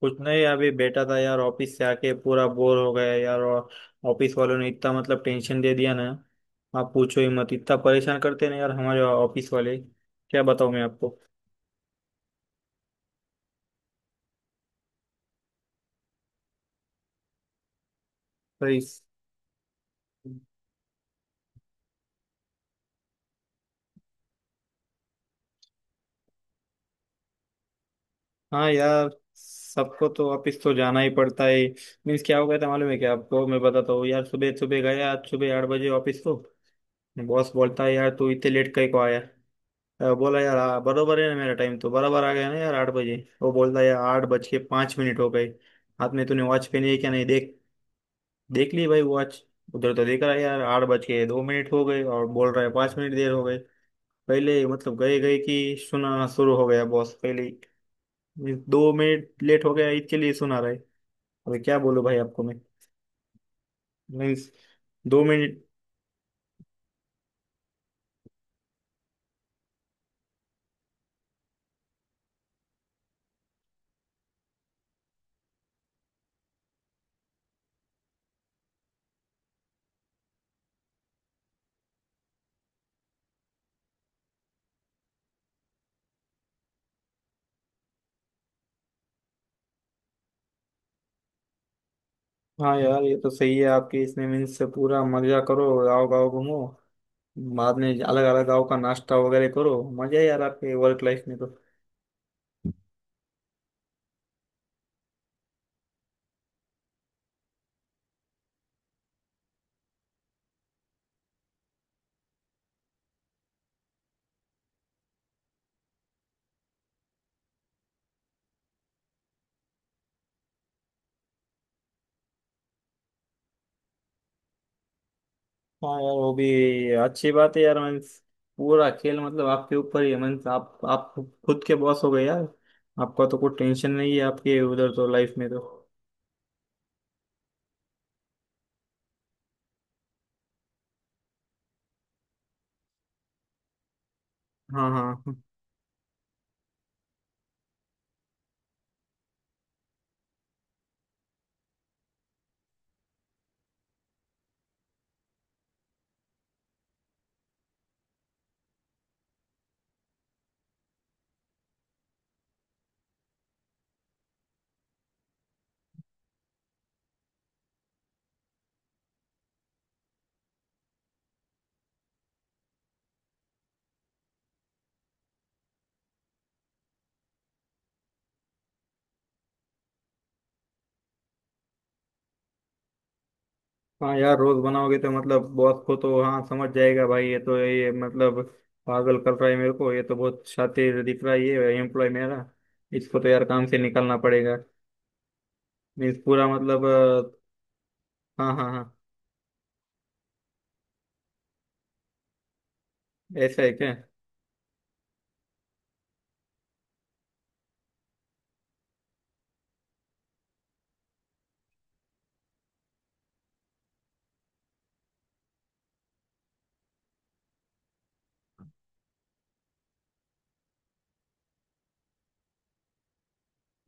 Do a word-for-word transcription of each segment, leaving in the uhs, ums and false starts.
कुछ नहीं, अभी बैठा था यार, ऑफिस से आके पूरा बोर हो गया यार। और ऑफिस वालों ने इतना मतलब टेंशन दे दिया ना, आप पूछो ही मत, इतना परेशान करते हैं ना यार हमारे ऑफिस वाले। क्या बताऊं मैं आपको। तो इस हाँ यार, सबको तो ऑफिस तो जाना ही पड़ता है। मीन्स क्या हो गया था मालूम है क्या आपको? मैं बताता हूँ यार। सुबह सुबह गया आज, सुबह आठ बजे ऑफिस को। बॉस बोलता है, यार तू इतने लेट कहीं को आया? अ, बोला यार, आ, बरोबर है ना, मेरा टाइम तो बराबर आ गया ना यार, आठ बजे। वो बोलता है यार, आठ बज के पाँच मिनट हो गए। हाथ में तूने वॉच पहनी है क्या, नहीं देख? देख ली भाई वॉच। उधर तो देख रहा है यार, आठ बज के दो मिनट हो गए और बोल रहा है पाँच मिनट देर हो गए। पहले मतलब गए गए कि सुना शुरू हो गया बॉस पहले ही। दो मिनट लेट हो गया इसके लिए सुना रहा है। अरे क्या बोलूं भाई आपको मैं। मीन्स दो मिनट। हाँ यार, ये तो सही है आपकी। इसने मीन्स से पूरा मजा करो, गाँव गाँव घूमो, बाद में अलग अलग गाँव का नाश्ता वगैरह करो, मजा है यार आपके वर्क लाइफ में तो। हाँ यार, वो भी अच्छी बात है यार। मीन्स पूरा खेल मतलब आपके ऊपर ही है। मीन्स आप आप खुद के बॉस हो गए यार, आपका तो कोई टेंशन नहीं है आपके उधर तो, लाइफ में तो। हाँ हाँ हाँ। हाँ यार, रोज बनाओगे तो मतलब बॉस को तो हाँ समझ जाएगा भाई, ये तो ये मतलब पागल कर रहा है मेरे को, ये तो बहुत शातिर दिख रहा है ये एम्प्लॉय मेरा, इसको तो यार काम से निकालना पड़ेगा। मीन्स पूरा मतलब अ, हाँ हाँ हाँ। ऐसा है क्या?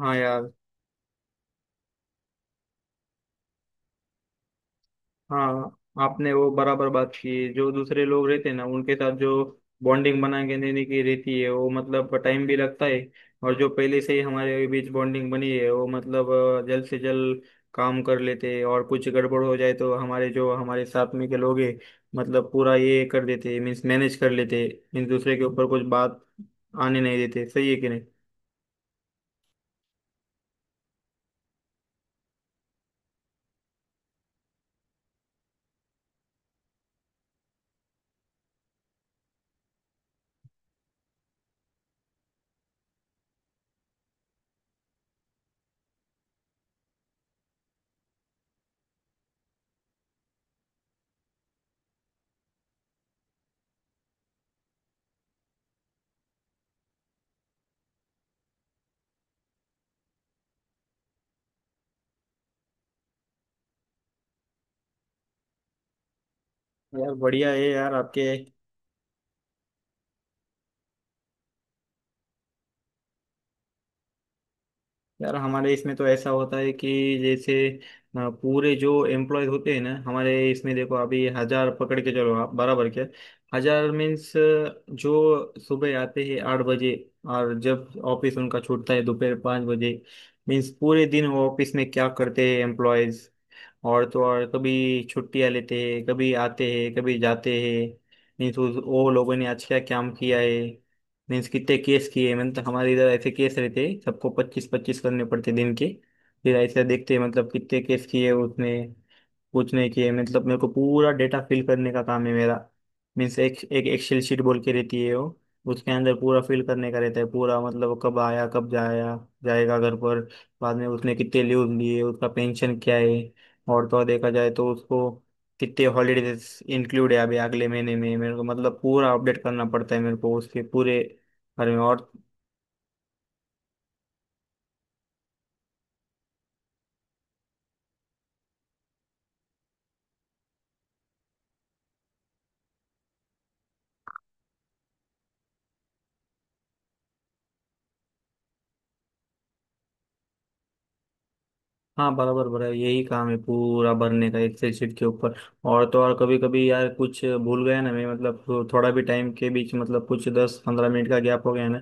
हाँ यार। हाँ आपने वो बराबर बात की है। जो दूसरे लोग रहते हैं ना, उनके साथ जो बॉन्डिंग बना के देने की रहती है, वो मतलब टाइम भी लगता है। और जो पहले से ही हमारे बीच बॉन्डिंग बनी है, वो मतलब अ, जल्द से जल्द काम कर लेते हैं। और कुछ गड़बड़ हो जाए तो हमारे जो हमारे साथ में के लोग हैं, मतलब पूरा ये कर देते हैं, मीन्स मैनेज कर लेते हैं। मीन्स दूसरे के ऊपर कुछ बात आने नहीं देते। सही है कि नहीं? यार बढ़िया है यार आपके। यार हमारे इसमें तो ऐसा होता है कि, जैसे अ, पूरे जो एम्प्लॉय होते हैं ना हमारे इसमें, देखो अभी हजार पकड़ के चलो आप, बराबर? क्या हजार मीन्स, जो सुबह आते हैं आठ बजे और जब ऑफिस उनका छूटता है दोपहर पाँच बजे, मीन्स पूरे दिन वो ऑफिस में क्या करते हैं एम्प्लॉयज। और तो और, कभी छुट्टियां लेते हैं, कभी आते हैं, कभी जाते हैं। मीन्स उस- वो लोगों ने आज क्या काम किया है, मीन्स कितने केस किए हैं, मतलब हमारे इधर ऐसे केस रहते हैं सबको पच्चीस पच्चीस करने पड़ते दिन के। फिर ऐसे देखते हैं मतलब कितने केस किए उसने, कुछ नहीं किए। मतलब मेरे को पूरा डेटा फिल करने का काम है मेरा। मीन्स एक एक एक्सेल शीट बोल के रहती है वो, उसके अंदर पूरा फिल करने का रहता है पूरा, मतलब वो कब आया, कब जाया जाएगा घर पर, बाद में उसने कितने लीव लिए, उसका पेंशन क्या है, और तो और देखा जाए तो उसको कितने हॉलीडेज इंक्लूड है अभी अगले महीने में, मेरे को मतलब पूरा अपडेट करना पड़ता है मेरे को उसके पूरे बारे में। और हाँ बराबर बराबर, यही काम है पूरा भरने का एक्सेल शीट के ऊपर। और तो और, कभी कभी यार कुछ भूल गया ना मैं, मतलब थोड़ा भी टाइम के बीच, मतलब कुछ दस पंद्रह मिनट का गैप हो गया ना,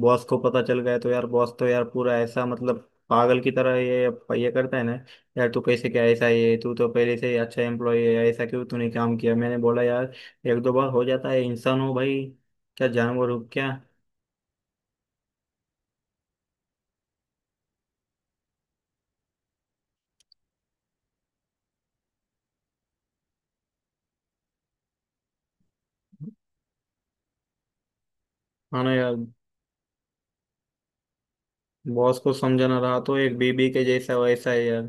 बॉस को पता चल गया तो यार बॉस तो यार पूरा ऐसा मतलब पागल की तरह ये ये करता है ना। यार तू कैसे क्या ऐसा ये, तू तो पहले से ही अच्छा एम्प्लॉय है, ऐसा क्यों तूने काम किया? मैंने बोला यार, एक दो बार हो जाता है, इंसान हो भाई, क्या जानवर हो क्या? हाँ ना यार, बॉस को समझाना रहा तो एक बीबी के जैसा वैसा है यार।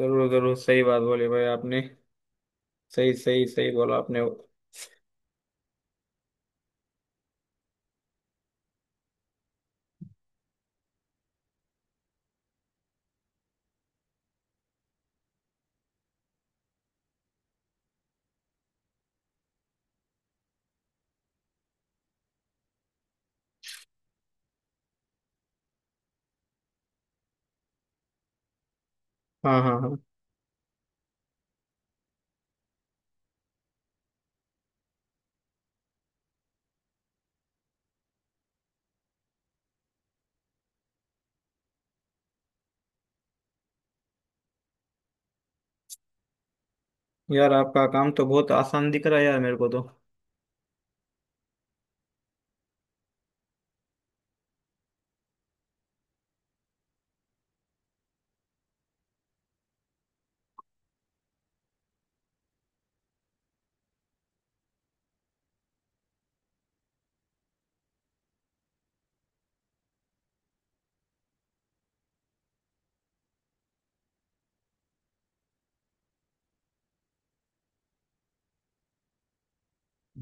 जरूर जरूर सही बात बोली भाई आपने। सही सही सही बोला आपने। हाँ हाँ हाँ। यार आपका काम तो बहुत आसान दिख रहा है यार मेरे को तो।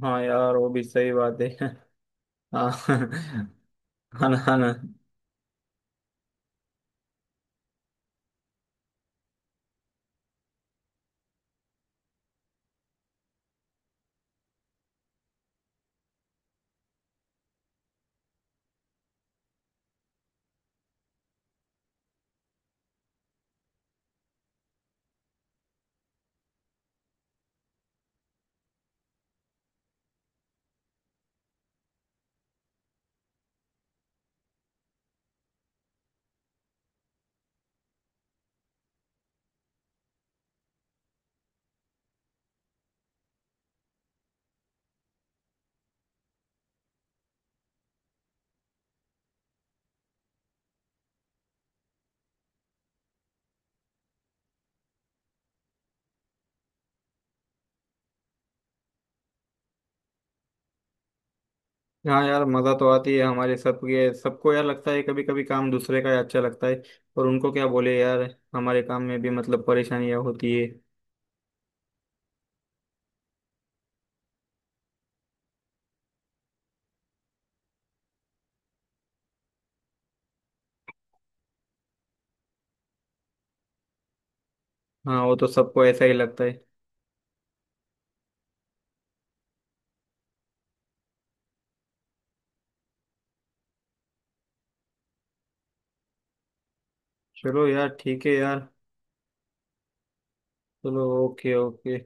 हाँ यार, वो भी सही बात है। हाँ हाँ, ना हाँ ना। हाँ यार मजा तो आती है हमारे सबके सबको यार, लगता है कभी कभी काम दूसरे का ही अच्छा लगता है। और उनको क्या बोले यार, हमारे काम में भी मतलब परेशानियां होती है। हाँ वो तो सबको ऐसा ही लगता है। चलो यार ठीक है यार। चलो, ओके ओके।